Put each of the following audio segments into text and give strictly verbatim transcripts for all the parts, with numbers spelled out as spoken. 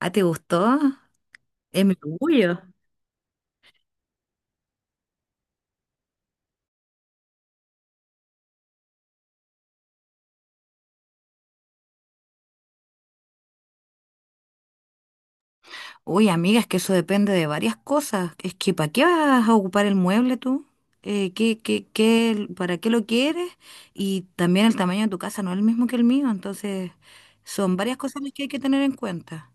Ah, ¿te gustó? Es mi orgullo. Uy, amiga, es que eso depende de varias cosas. Es que ¿para qué vas a ocupar el mueble tú? Eh, ¿qué, qué, qué, para qué lo quieres? Y también el tamaño de tu casa no es el mismo que el mío, entonces son varias cosas las que hay que tener en cuenta.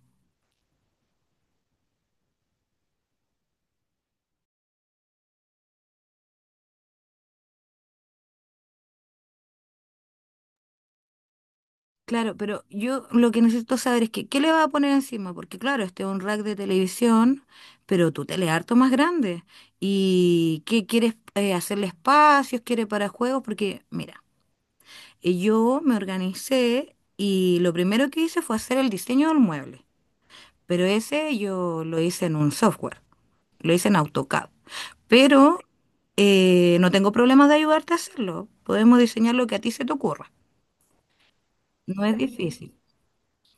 Claro, pero yo lo que necesito saber es que ¿qué le vas a poner encima? Porque claro, este es un rack de televisión, pero tu tele es harto más grande. ¿Y qué quieres eh, hacerle espacios? ¿Quieres para juegos? Porque mira. Y yo me organicé y lo primero que hice fue hacer el diseño del mueble, pero ese yo lo hice en un software, lo hice en AutoCAD. Pero eh, no tengo problemas de ayudarte a hacerlo, podemos diseñar lo que a ti se te ocurra, no es difícil.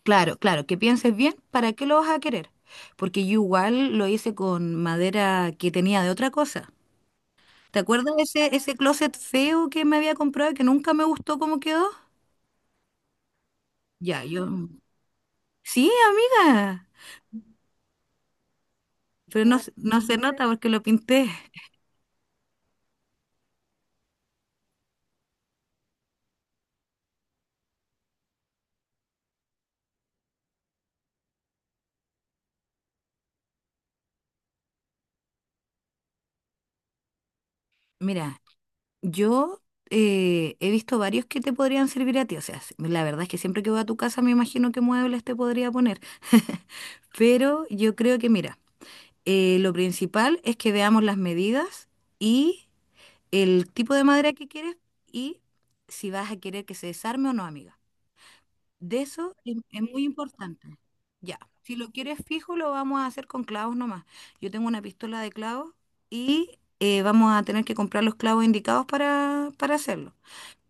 Claro, claro, que pienses bien para qué lo vas a querer, porque yo igual lo hice con madera que tenía de otra cosa. ¿Te acuerdas de ese, ese closet feo que me había comprado y que nunca me gustó cómo quedó? Ya, yo... Sí, amiga. Pero no, se- no se nota porque lo pinté. Mira, yo eh, he visto varios que te podrían servir a ti. O sea, s- la verdad es que siempre que voy a tu casa me imagino qué muebles te podría poner. Pero yo creo que, mira, eh, lo principal es que veamos las medidas y el tipo de madera que quieres y si vas a querer que se desarme o no, amiga. De eso es, es muy importante. Ya, si lo quieres fijo, lo vamos a hacer con clavos nomás. Yo tengo una pistola de clavos y eh, vamos a tener que comprar los clavos indicados para, para hacerlo.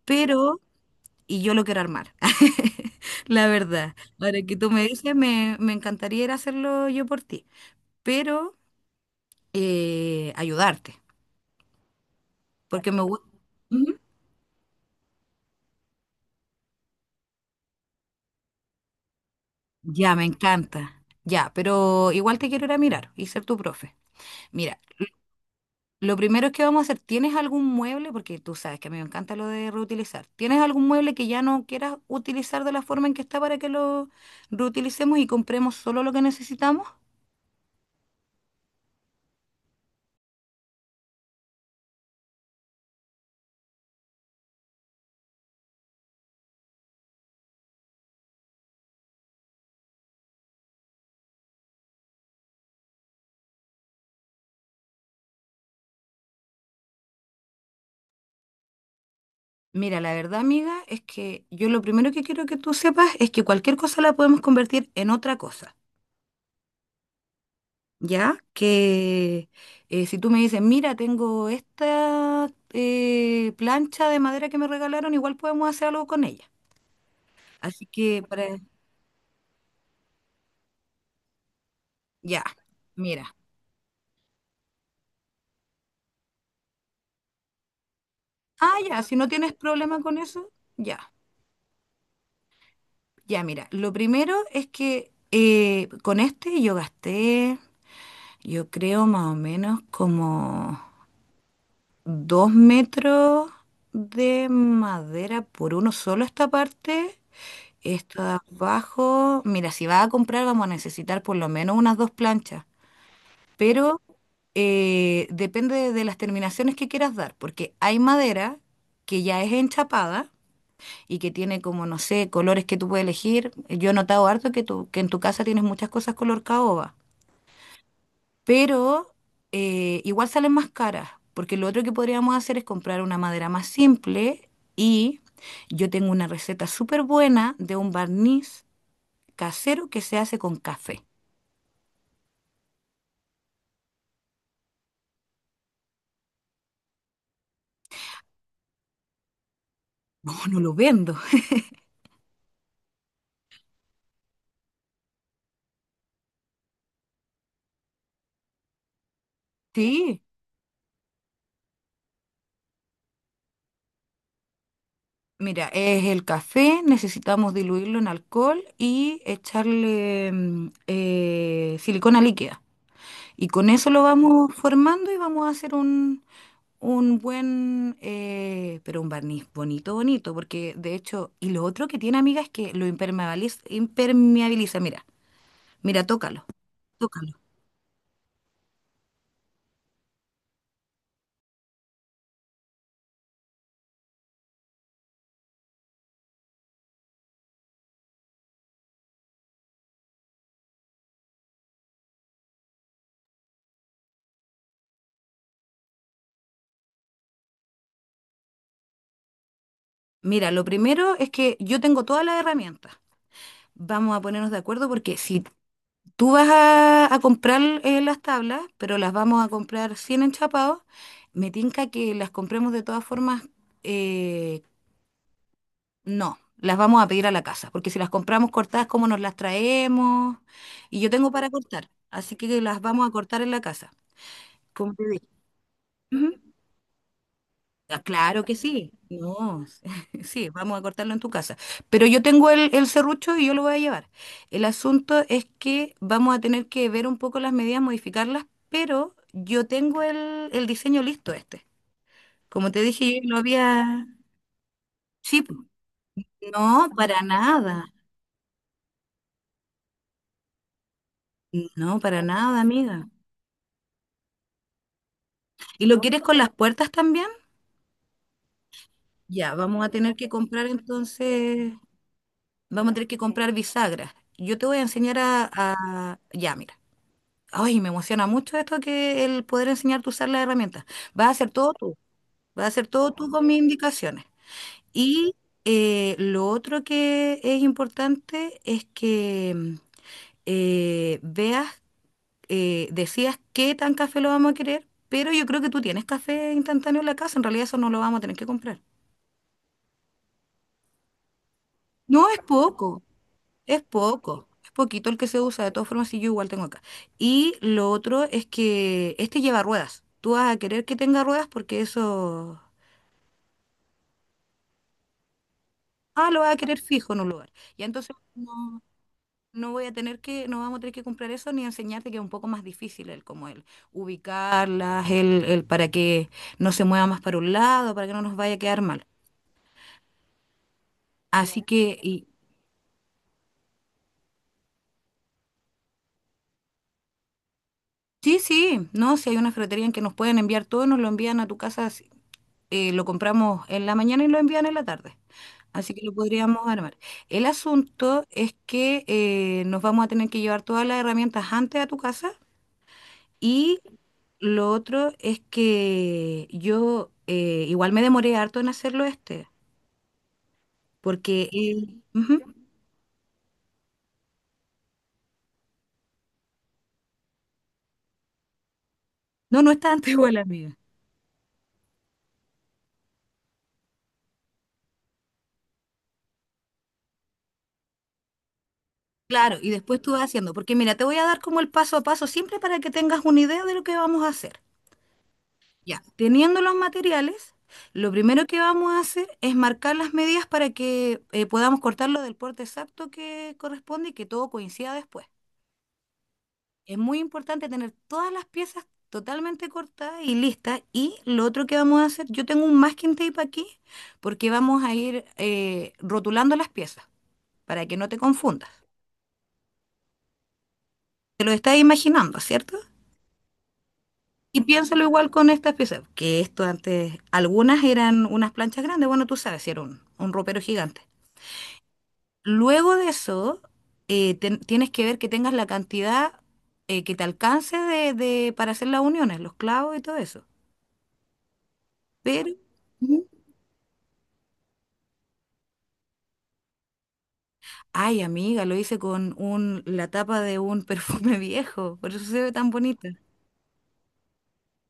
Pero, y yo lo quiero armar, la verdad. Ahora que tú me dices, me, me encantaría ir a hacerlo yo por ti, pero eh, ayudarte, porque me, gu- ya me encanta. Ya, pero igual te quiero ir a mirar y ser tu profe. Mira, lo primero que vamos a hacer, ¿tienes algún mueble? Porque tú sabes que a mí me encanta lo de reutilizar. ¿Tienes algún mueble que ya no quieras utilizar de la forma en que está para que lo reutilicemos y compremos solo lo que necesitamos? Mira, la verdad, amiga, es que yo lo primero que quiero que tú sepas es que cualquier cosa la podemos convertir en otra cosa, ¿ya? Que eh, si tú me dices, mira, tengo esta eh, plancha de madera que me regalaron, igual podemos hacer algo con ella. Así que, para... ya, mira. Ah, ya, si no tienes problema con eso, ya. Ya, mira, lo primero es que eh, con este yo gasté, yo creo más o menos como dos metros de madera por uno solo esta parte. Esto de abajo, mira, si vas a comprar vamos a necesitar por lo menos unas dos planchas, pero eh, depende de las terminaciones que quieras dar, porque hay madera que ya es enchapada y que tiene como, no sé, colores que tú puedes elegir. Yo he notado harto que, tú, que en tu casa tienes muchas cosas color caoba, pero eh, igual salen más caras, porque lo otro que podríamos hacer es comprar una madera más simple y yo tengo una receta súper buena de un barniz casero que se hace con café. No, no lo vendo. Sí, mira, es el café, necesitamos diluirlo en alcohol y echarle mm, eh, silicona líquida. Y con eso lo vamos formando y vamos a hacer un, un buen, eh, pero un barniz bonito, bonito, porque de hecho, y lo otro que tiene, amiga, es que lo impermeabiliza, impermeabiliza. Mira, mira, tócalo, tócalo. Mira, lo primero es que yo tengo todas las herramientas. Vamos a ponernos de acuerdo porque si tú vas a, a comprar eh, las tablas, pero las vamos a comprar sin enchapados, me tinca que las compremos de todas formas eh, no, las vamos a pedir a la casa, porque si las compramos cortadas, ¿cómo nos las traemos? Y yo tengo para cortar, así que las vamos a cortar en la casa, como te dije. Ujú. Ah, claro que sí, no, sí, vamos a cortarlo en tu casa. Pero yo tengo el, el serrucho y yo lo voy a llevar. El asunto es que vamos a tener que ver un poco las medidas, modificarlas, pero yo tengo el, el diseño listo este. Como te dije, yo lo había... Sí, po. No, para nada, no, para nada, amiga. ¿Y lo quieres con las puertas también? Ya, vamos a tener que comprar entonces, vamos a tener que comprar bisagras. Yo te voy a enseñar a, a- ya, mira. Ay, me emociona mucho esto que el poder enseñarte a usar las herramientas. Vas a hacer todo tú, vas a hacer todo tú con mis indicaciones. Y eh, lo otro que es importante es que mm, eh, veas, eh, decías qué tan café lo vamos a querer, pero yo creo que tú tienes café instantáneo en la casa, en realidad eso no lo vamos a tener que comprar. No, es poco, es poco, es poquito el que se usa, de todas formas, y yo igual tengo acá. Y lo otro es que este lleva ruedas. Tú vas a querer que tenga ruedas porque eso, ah, lo vas a querer fijo en un lugar. Y entonces no, no voy a tener que, no vamos a tener que comprar eso ni enseñarte que es un poco más difícil el, como el ubicarlas, el, el para que no se mueva más para un lado, para que no nos vaya a quedar mal. Así que, y, sí, sí, no, si hay una ferretería en que nos pueden enviar todo, nos lo envían a tu casa eh, lo compramos en la mañana y lo envían en la tarde. Así que lo podríamos armar. El asunto es que eh, nos vamos a tener que llevar todas las herramientas antes a tu casa y lo otro es que yo eh, igual me demoré harto en hacerlo este, porque eh, ujú. No, no es tanto igual, amiga. Claro, y después tú vas haciendo, porque mira, te voy a dar como el paso a paso siempre para que tengas una idea de lo que vamos a hacer. Ya, teniendo los materiales, lo primero que vamos a hacer es marcar las medidas para que eh, podamos cortarlo del porte exacto que corresponde y que todo coincida después. Es muy importante tener todas las piezas totalmente cortadas y listas. Y lo otro que vamos a hacer, yo tengo un masking tape aquí porque vamos a ir eh, rotulando las piezas para que no te confundas. Te lo estás imaginando, ¿cierto? Y piénsalo igual con estas piezas, que esto antes, algunas eran unas planchas grandes, bueno, tú sabes, si era un, un ropero gigante. Luego de eso, eh, ten- tienes que ver que tengas la cantidad eh, que te alcance de, de- para hacer las uniones, los clavos y todo eso. Pero, ujú. Ay, amiga, lo hice con un, la tapa de un perfume viejo, por eso se ve tan bonita.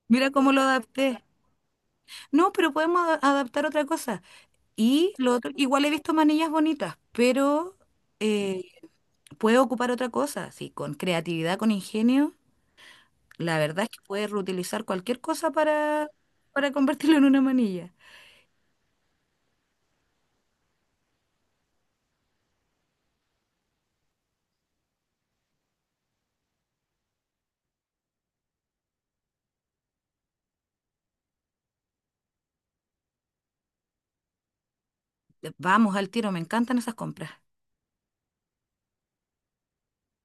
Mira cómo lo adapté. No, pero podemos ada- adaptar otra cosa. Y lo otro, igual he visto manillas bonitas, pero eh, puedo ocupar otra cosa, sí, con creatividad, con ingenio. La verdad es que puedes reutilizar cualquier cosa para, para convertirlo en una manilla. Vamos al tiro, me encantan esas compras.